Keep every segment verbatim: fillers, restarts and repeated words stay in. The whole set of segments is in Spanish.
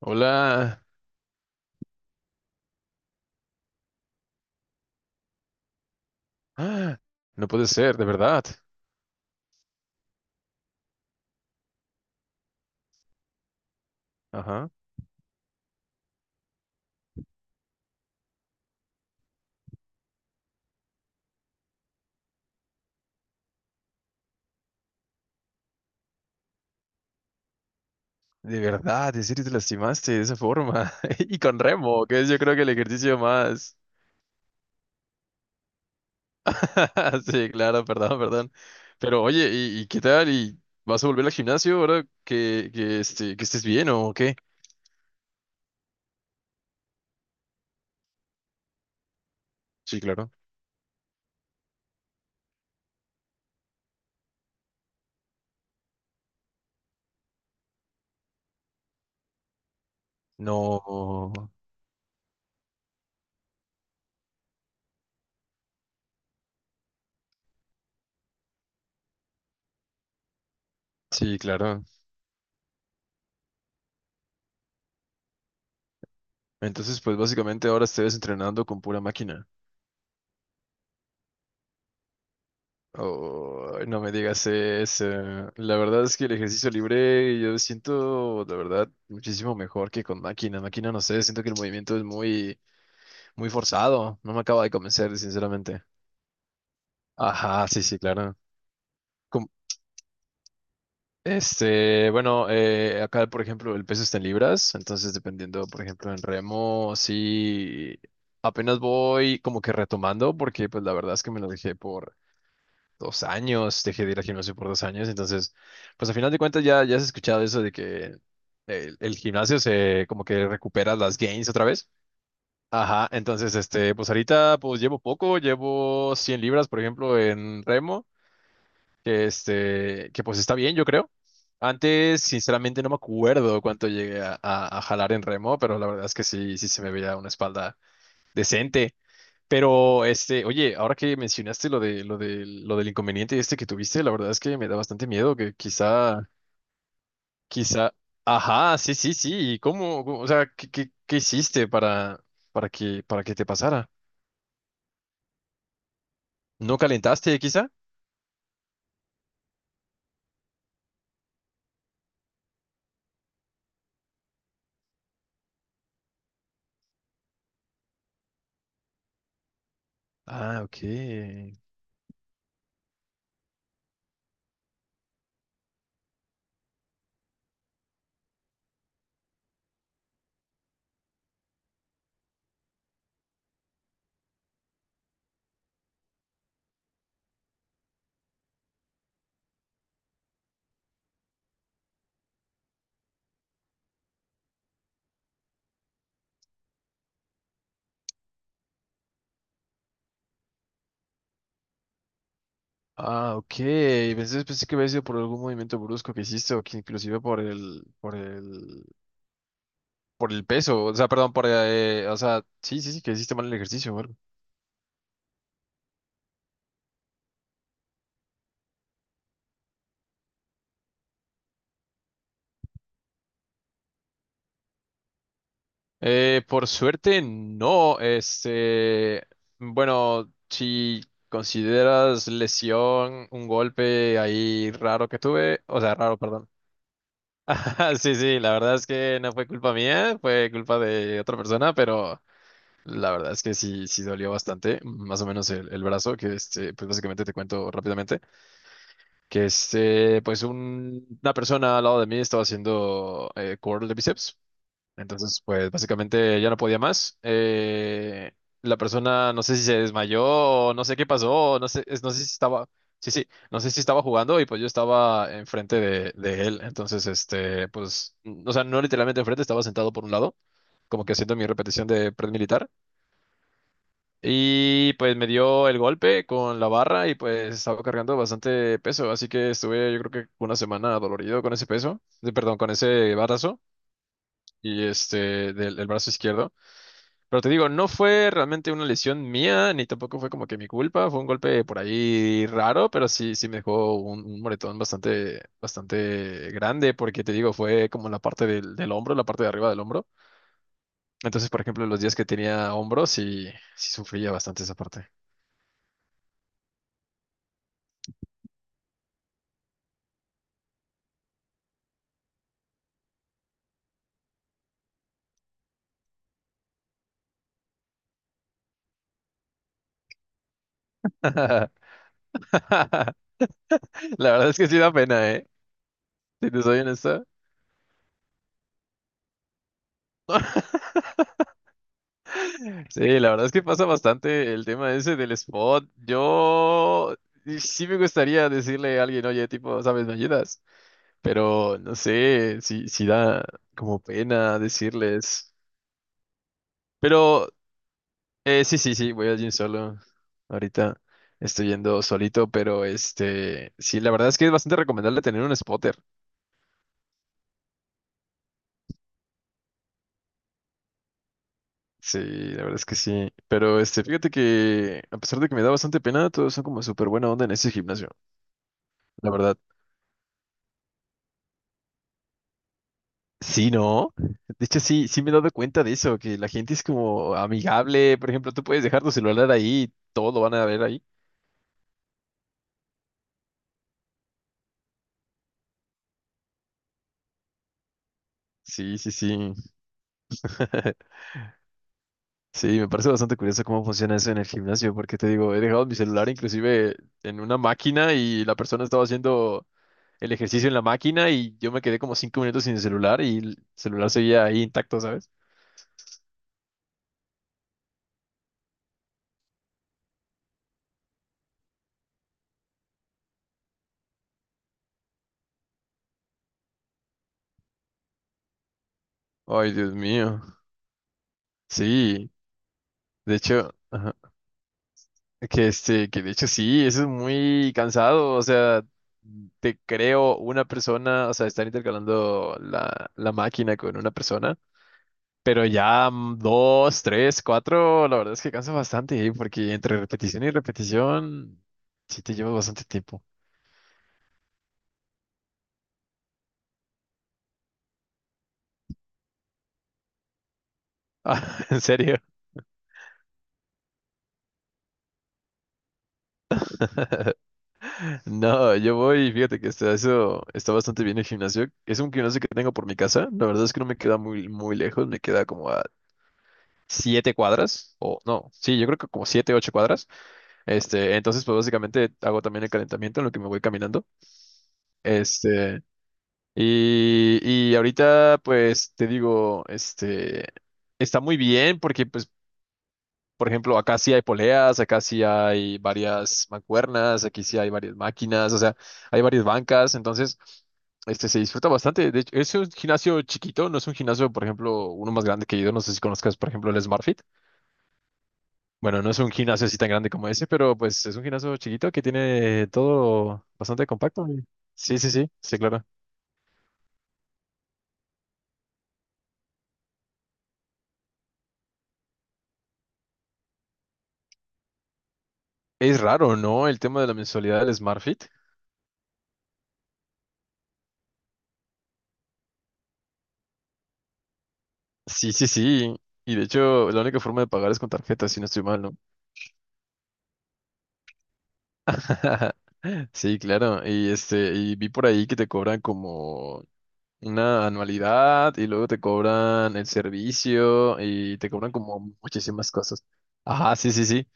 Hola. Ah, no puede ser, de verdad. Ajá. De verdad, en serio te lastimaste de esa forma. Y con remo, que es yo creo que el ejercicio más. Sí, claro, perdón, perdón. Pero oye, ¿y, y qué tal? ¿Y vas a volver al gimnasio ahora que, que, este, que estés bien o qué? Sí, claro. No. Sí, claro. Entonces, pues básicamente ahora estés entrenando con pura máquina. Oh, no me digas eso. La verdad es que el ejercicio libre yo siento, la verdad, muchísimo mejor que con máquina. Máquina, no sé, siento que el movimiento es muy, muy forzado. No me acaba de convencer, sinceramente. Ajá, sí, sí, claro. Com- Este, bueno, eh, acá, por ejemplo, el peso está en libras, entonces dependiendo, por ejemplo, en remo, sí, apenas voy como que retomando, porque pues la verdad es que me lo dejé por dos años, dejé de ir al gimnasio por dos años, entonces, pues al final de cuentas ya, ya has escuchado eso de que el, el gimnasio se como que recupera las gains otra vez. Ajá, entonces, este, pues ahorita pues llevo poco, llevo cien libras, por ejemplo, en remo, que este, que pues está bien, yo creo. Antes, sinceramente, no me acuerdo cuánto llegué a, a- a jalar en remo, pero la verdad es que sí, sí se me veía una espalda decente. Pero, este, oye, ahora que mencionaste lo de, lo de, lo del inconveniente este que tuviste, la verdad es que me da bastante miedo que quizá, quizá, ajá, sí, sí, sí, ¿y ¿cómo, cómo- o sea, qué, qué, qué hiciste para, para que, para que te pasara? ¿No calentaste, quizá? Ah, ok. Ah, ok. Pensé, pensé que había sido por algún movimiento brusco que hiciste o que inclusive por el, por el, por el peso, o sea, perdón, por, eh, o sea, sí, sí, sí, que hiciste mal el ejercicio, o algo. Eh, por suerte, no. Este, bueno, si consideras lesión, un golpe ahí raro que tuve, o sea, raro, perdón. Ajá, sí, sí, la verdad es que no fue culpa mía, fue culpa de otra persona, pero la verdad es que sí, sí dolió bastante, más o menos el, el brazo, que este, pues básicamente te cuento rápidamente, que este, pues un- una persona al lado de mí estaba haciendo eh, curl de bíceps. Entonces, pues básicamente ya no podía más. Eh, la persona no sé si se desmayó, o no sé qué pasó, o no sé, es- no sé si estaba, sí, sí, no sé si estaba jugando y pues yo estaba enfrente de, de él. Entonces, este, pues, n- o sea, no literalmente enfrente, estaba sentado por un lado, como que haciendo mi repetición de pred militar. Y pues me dio el golpe con la barra y pues estaba cargando bastante peso, así que estuve yo creo que una semana dolorido con ese peso, de- perdón, con ese barazo y este del del brazo izquierdo. Pero te digo, no fue realmente una lesión mía, ni tampoco fue como que mi culpa, fue un golpe por ahí raro, pero sí, sí me dejó un, un moretón bastante, bastante grande, porque te digo, fue como en la parte del, del hombro, la parte de arriba del hombro. Entonces, por ejemplo, los días que tenía hombros sí, sí sufría bastante esa parte. La verdad es que sí da pena, ¿eh? Si te soy honesto. Sí, la verdad es que pasa bastante el tema ese del spot. Yo y sí me gustaría decirle a alguien, oye, tipo, ¿sabes? ¿Me ayudas? Pero no sé si, si da como pena decirles. Pero eh, sí, sí, sí, voy al gym solo. Ahorita estoy yendo solito, pero este, sí, la verdad es que es bastante recomendable tener un spotter. Sí, la verdad es que sí. Pero este, fíjate que a pesar de que me da bastante pena, todos son como súper buena onda en ese gimnasio. La verdad. Sí, ¿no? De hecho, sí, sí me he dado cuenta de eso, que la gente es como amigable. Por ejemplo, tú puedes dejar tu celular ahí, todo lo van a ver ahí. Sí, sí, sí. Sí, me parece bastante curioso cómo funciona eso en el gimnasio, porque te digo, he dejado mi celular inclusive en una máquina y la persona estaba haciendo el ejercicio en la máquina y yo me quedé como cinco minutos sin el celular y el celular seguía ahí intacto, ¿sabes? Ay, Dios mío. Sí, de hecho, ajá, que este, que de hecho sí, eso es muy cansado, o sea, te creo una persona, o sea, estar intercalando la, la máquina con una persona. Pero ya mm, dos, tres, cuatro, la verdad es que cansa bastante, ¿eh? Porque entre repetición y repetición, sí te llevas bastante tiempo. Ah, ¿en serio? No, yo voy, fíjate que está, eso está bastante bien el gimnasio. Es un gimnasio que tengo por mi casa. La verdad es que no me queda muy, muy lejos, me queda como a siete cuadras, o no, sí, yo creo que como siete, ocho cuadras. Este, entonces, pues básicamente hago también el calentamiento en lo que me voy caminando. Este, Y, y ahorita, pues, te digo, este, está muy bien porque, pues, por ejemplo, acá sí hay poleas, acá sí hay varias mancuernas, aquí sí hay varias máquinas, o sea, hay varias bancas, entonces, este, se disfruta bastante. De hecho, es un gimnasio chiquito, no es un gimnasio, por ejemplo, uno más grande que yo, no sé si conozcas, por ejemplo, el SmartFit. Bueno, no es un gimnasio así tan grande como ese, pero, pues, es un gimnasio chiquito que tiene todo bastante compacto. Sí, sí, sí, sí, claro. Es raro, ¿no? El tema de la mensualidad del SmartFit. Sí, sí, sí. Y de hecho, la única forma de pagar es con tarjeta, si no estoy mal, ¿no? Sí, claro. Y este, y vi por ahí que te cobran como una anualidad y luego te cobran el servicio y te cobran como muchísimas cosas. Ajá, sí, sí, sí.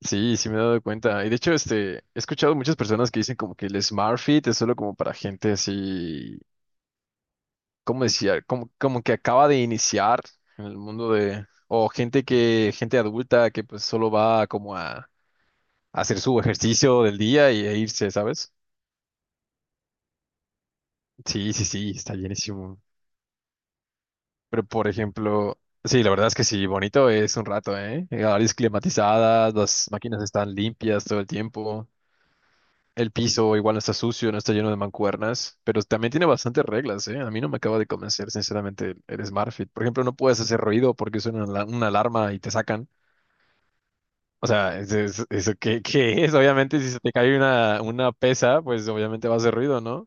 Sí, sí me he dado cuenta. Y de hecho, este, he escuchado muchas personas que dicen como que el Smart Fit es solo como para gente así como decía, como, como que acaba de iniciar en el mundo de, o gente que, gente adulta que pues solo va como a, a hacer su ejercicio del día y a irse, ¿sabes? Sí, sí, sí, está llenísimo. Pero por ejemplo, sí, la verdad es que sí, bonito es un rato, ¿eh? Eh, Áreas climatizadas, las máquinas están limpias todo el tiempo. El piso igual no está sucio, no está lleno de mancuernas, pero también tiene bastantes reglas, ¿eh? A mí no me acaba de convencer, sinceramente, el el Smart Fit. Por ejemplo, no puedes hacer ruido porque suena una ala- una alarma y te sacan. O sea, es- es- ¿eso qué, qué es? Obviamente, si se te cae una, una pesa, pues obviamente va a hacer ruido, ¿no?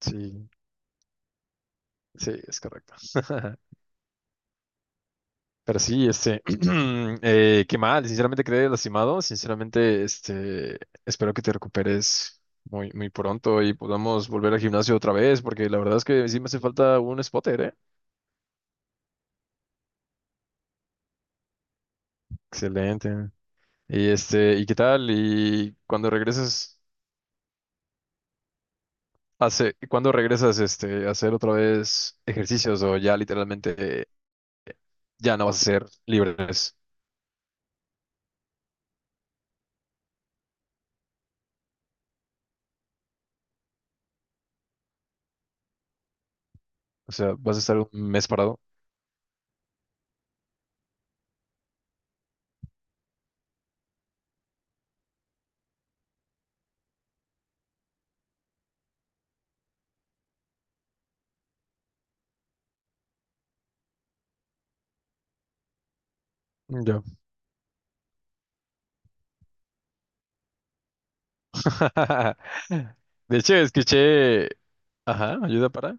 Sí, sí, es correcto. Pero sí, este, eh, qué mal, sinceramente quedé lastimado, sinceramente, este, espero que te recuperes muy, muy pronto y podamos volver al gimnasio otra vez, porque la verdad es que sí me hace falta un spotter, ¿eh? Excelente. Y este, ¿y qué tal? ¿Y cuando regresas, hace, cuando regresas, este, a hacer otra vez ejercicios o ya literalmente ya no vas a ser libres. O sea, vas a estar un mes parado. Ya. De hecho, escuché, ajá, ayuda para,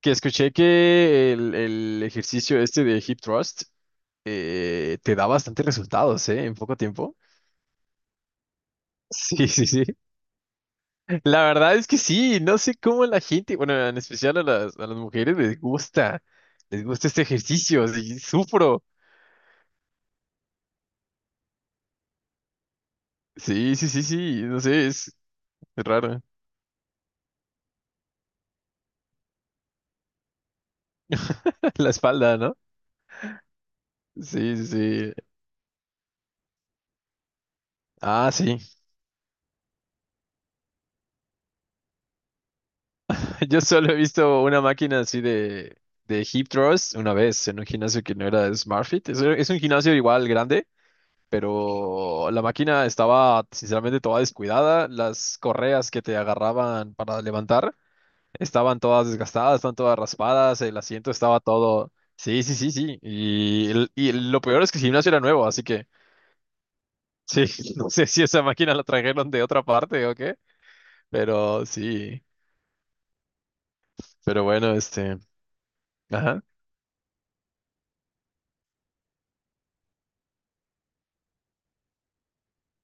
que escuché que el, el ejercicio este de hip thrust eh, te da bastantes resultados, ¿eh? En poco tiempo. Sí, sí, sí. La verdad es que sí, no sé cómo la gente, bueno, en especial a las, a las mujeres les gusta, les gusta este ejercicio, sí, sufro. Sí, sí, sí, sí, no sé, es raro. La espalda, no. Sí, sí, sí. Ah, sí. Yo solo he visto una máquina así de, de hip thrust una vez en un gimnasio que no era de SmartFit. Es, es un gimnasio igual grande, pero la máquina estaba sinceramente toda descuidada. Las correas que te agarraban para levantar estaban todas desgastadas, estaban todas raspadas, el asiento estaba todo... Sí, sí, sí, sí. Y, el- y lo peor es que el gimnasio era nuevo, así que sí, no sé si esa máquina la trajeron de otra parte o qué, pero sí. Pero bueno, este. Ajá.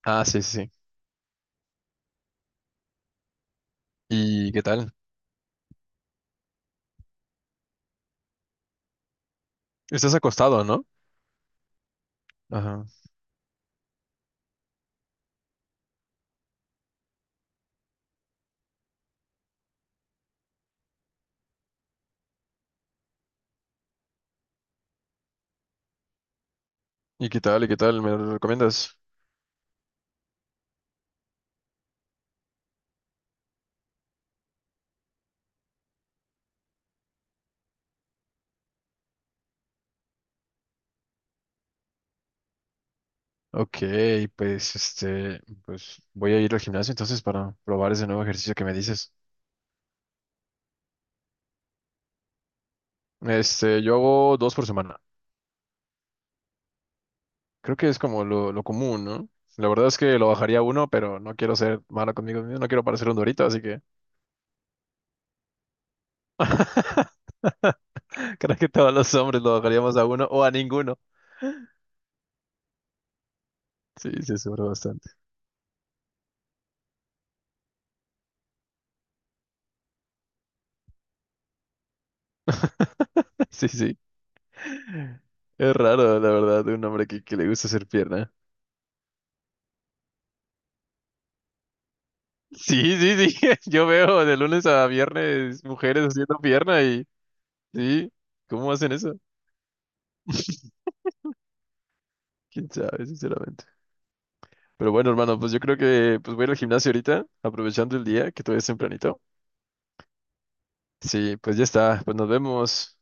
Ah, sí, sí, sí. ¿Y qué tal? Estás acostado, ¿no? Ajá. ¿Y qué tal? ¿Y qué tal? ¿Me lo recomiendas? Ok, pues este, pues voy a ir al gimnasio entonces para probar ese nuevo ejercicio que me dices. Este, yo hago dos por semana. Creo que es como lo, lo común, ¿no? La verdad es que lo bajaría a uno, pero no quiero ser malo conmigo mismo, no quiero parecer un dorito, así que creo que todos los hombres lo bajaríamos a uno o a ninguno. Sí, se sobra bastante. Sí, sí. Es raro, la verdad, de un hombre que, que le gusta hacer pierna. Sí, sí, sí. Yo veo de lunes a viernes mujeres haciendo pierna y sí, ¿cómo hacen eso? Quién sabe, sinceramente. Pero bueno, hermano, pues yo creo que pues voy a ir al gimnasio ahorita, aprovechando el día, que todavía es tempranito. Sí, pues ya está, pues nos vemos.